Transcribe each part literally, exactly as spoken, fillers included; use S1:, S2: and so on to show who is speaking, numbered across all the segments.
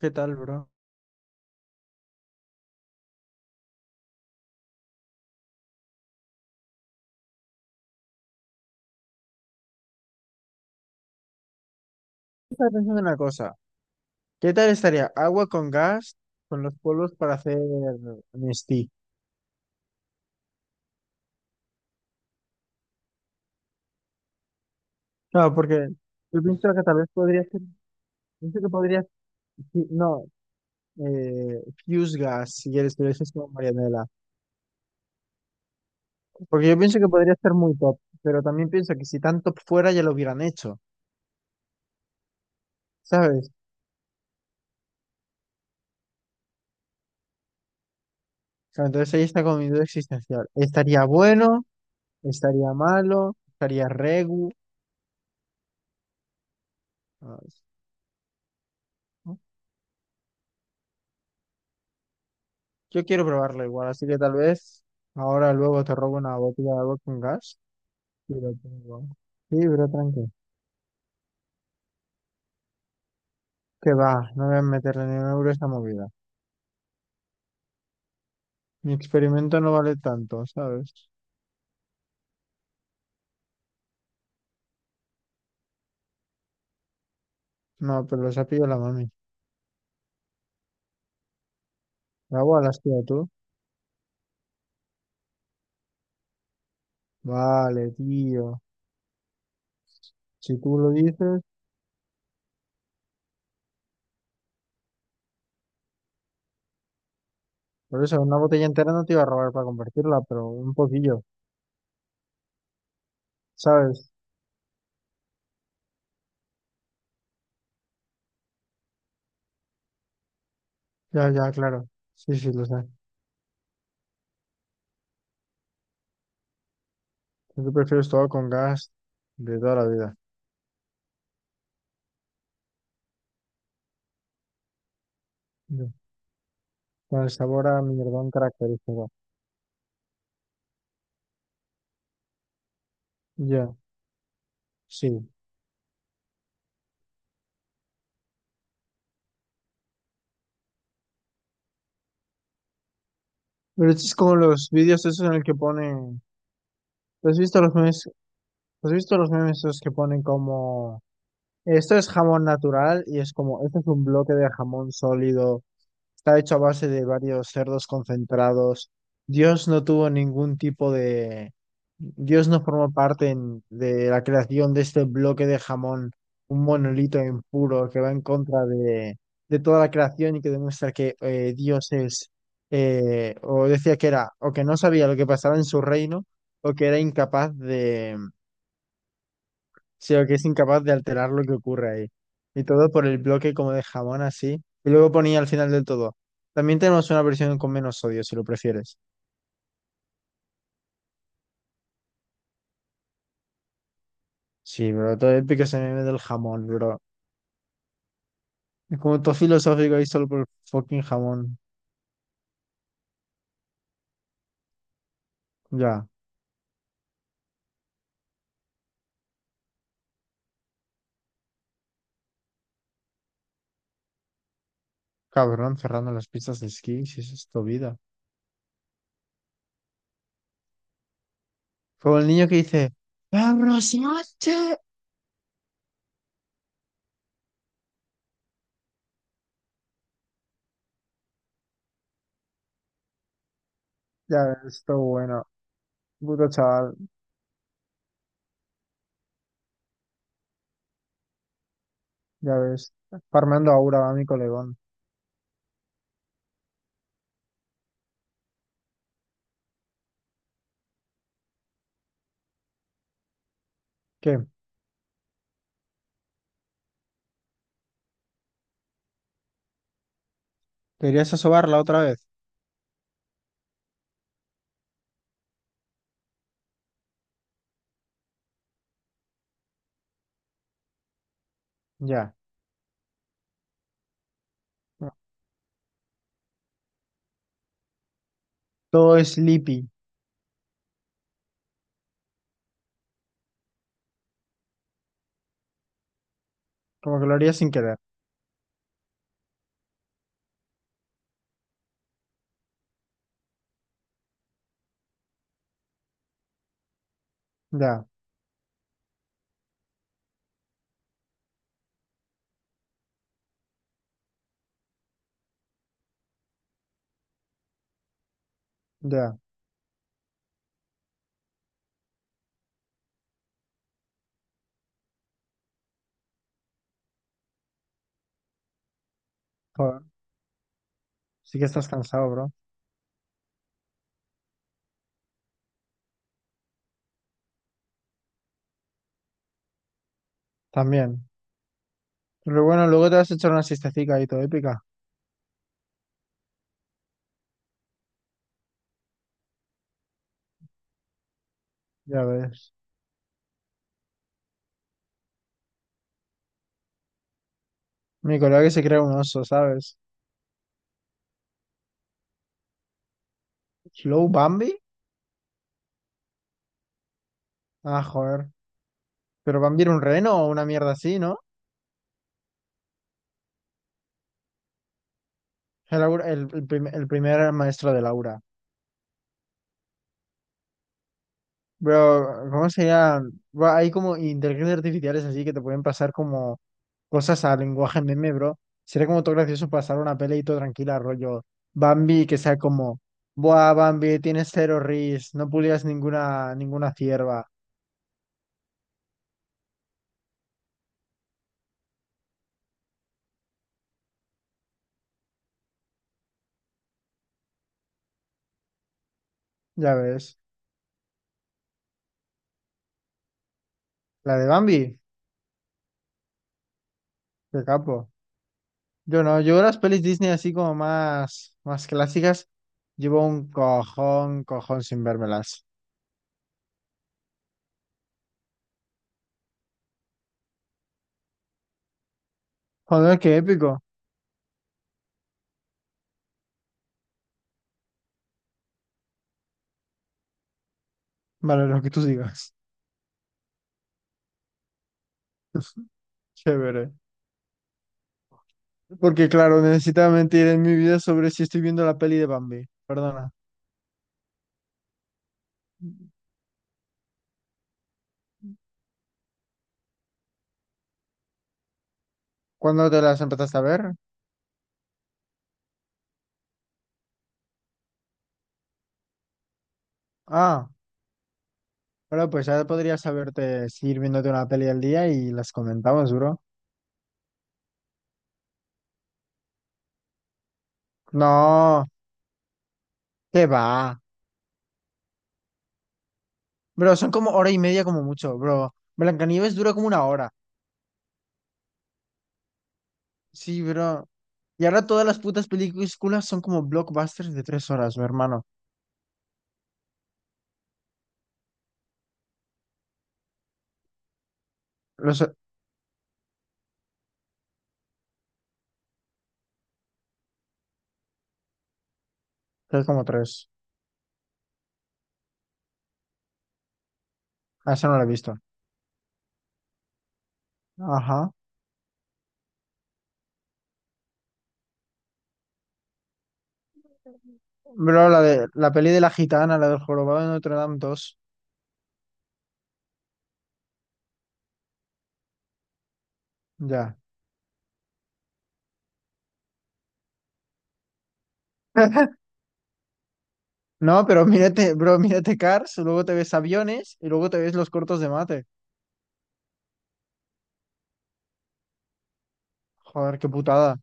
S1: ¿Qué tal, bro? Estaba pensando en una cosa. ¿Qué tal estaría agua con gas con los polvos para hacer Nestí? No, porque yo pienso que tal vez podría ser, pienso que podría, sí, no, eh, Fuse Gas, si quieres, pero eso es como Marianela. Porque yo pienso que podría ser muy top, pero también pienso que si tan top fuera ya lo hubieran hecho, ¿sabes? O entonces ahí está como mi duda existencial. ¿Estaría bueno? ¿Estaría malo? ¿Estaría regu? ¿Sabes? ¿No? Yo quiero probarlo igual, así que tal vez ahora luego te robo una botella de agua con gas y lo pongo. Sí, pero tranqui. Que va, no voy a meterle ni un euro a esta movida. Mi experimento no vale tanto, ¿sabes? No, pero los ha pillado la mami. El agua la has pillado tú. Vale, tío. Si tú lo dices, por eso una botella entera no te iba a robar para compartirla, pero un poquillo, ¿sabes? Ya, ya, claro. Sí, sí, lo sé. Yo prefiero todo con gas de toda la vida. Yo, Con el sabor a mierdón característico. Ya, sí. Pero este es como los vídeos esos en el que ponen, ¿has visto los memes? ¿Has visto los memes esos que ponen como, esto es jamón natural y es como, esto es un bloque de jamón sólido. Está hecho a base de varios cerdos concentrados. Dios no tuvo ningún tipo de... Dios no formó parte en- de la creación de este bloque de jamón, un monolito impuro que va en contra de, de toda la creación y que demuestra que eh, Dios es, eh, o decía que era, o que no sabía lo que pasaba en su reino, o que era incapaz, sí, o que es incapaz de alterar lo que ocurre ahí. Y todo por el bloque como de jamón así. Y luego ponía al final del todo. También tenemos una versión con menos sodio, si lo prefieres. Sí, bro, todo épico ese meme del jamón, bro. Es como todo filosófico ahí solo por el fucking jamón. Ya, cabrón, cerrando las pistas de esquí, si eso es tu vida. Como el niño que dice, ¡Abrosioche! Ya ves, esto bueno. Puto chaval, ya ves. Farmando aura va mi colegón. ¿Qué? ¿Querías asobarla otra vez? Ya. Todo sleepy, como que lo haría sin querer. Ya, ya. Joder, sí que estás cansado, bro. También. Pero bueno, luego te vas a echar una siestecica ahí todo épica. Ya ves. Mi colega que se crea un oso, ¿sabes? ¿Slow Bambi? Ah, joder. Pero Bambi era un reno o una mierda así, ¿no? El, aur- el, el prim- el primer maestro de Laura. Bro, ¿cómo se llama? Buah, hay como inteligencias artificiales así que te pueden pasar como cosas a lenguaje meme, bro. Sería como todo gracioso pasar una pelea y todo tranquila, rollo Bambi, que sea como, buah, Bambi, tienes cero ris, no pulías ninguna, ninguna cierva. Ya ves. La de Bambi, qué capo. Yo no, yo las pelis Disney así como más, más clásicas, llevo un cojón, cojón sin vérmelas. Joder, qué épico. Vale, lo que tú digas. Chévere. Porque claro, necesitaba mentir en mi vida sobre si estoy viendo la peli de Bambi. Perdona. ¿Cuándo te las empezaste a ver? Ah, bueno, pues ya podrías saberte seguir viéndote una peli al día y las comentamos, bro. No, qué va. Bro, son como hora y media como mucho, bro. Blancanieves dura como una hora. Sí, bro. Y ahora todas las putas películas son como blockbusters de tres horas, mi hermano. Los, es como tres. Ah, esa no la he visto. Ajá. Bro, la de la peli de la gitana, la del jorobado de Notre Dame dos. Ya. No, pero mírate, bro, mírate Cars, luego te ves aviones y luego te ves los cortos de mate. Joder, qué putada.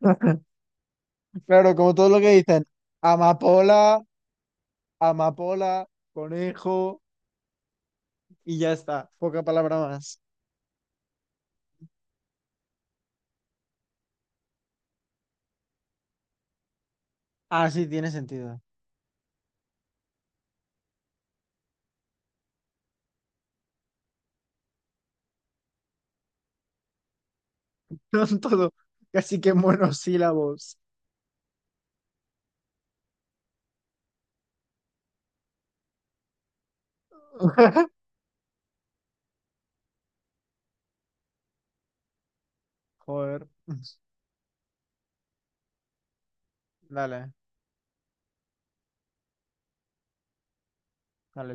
S1: Claro, como todo lo que dicen, amapola, amapola, conejo y ya está, poca palabra más. Así tiene sentido. No todo, casi que monosílabos. Joder. Dale, dale.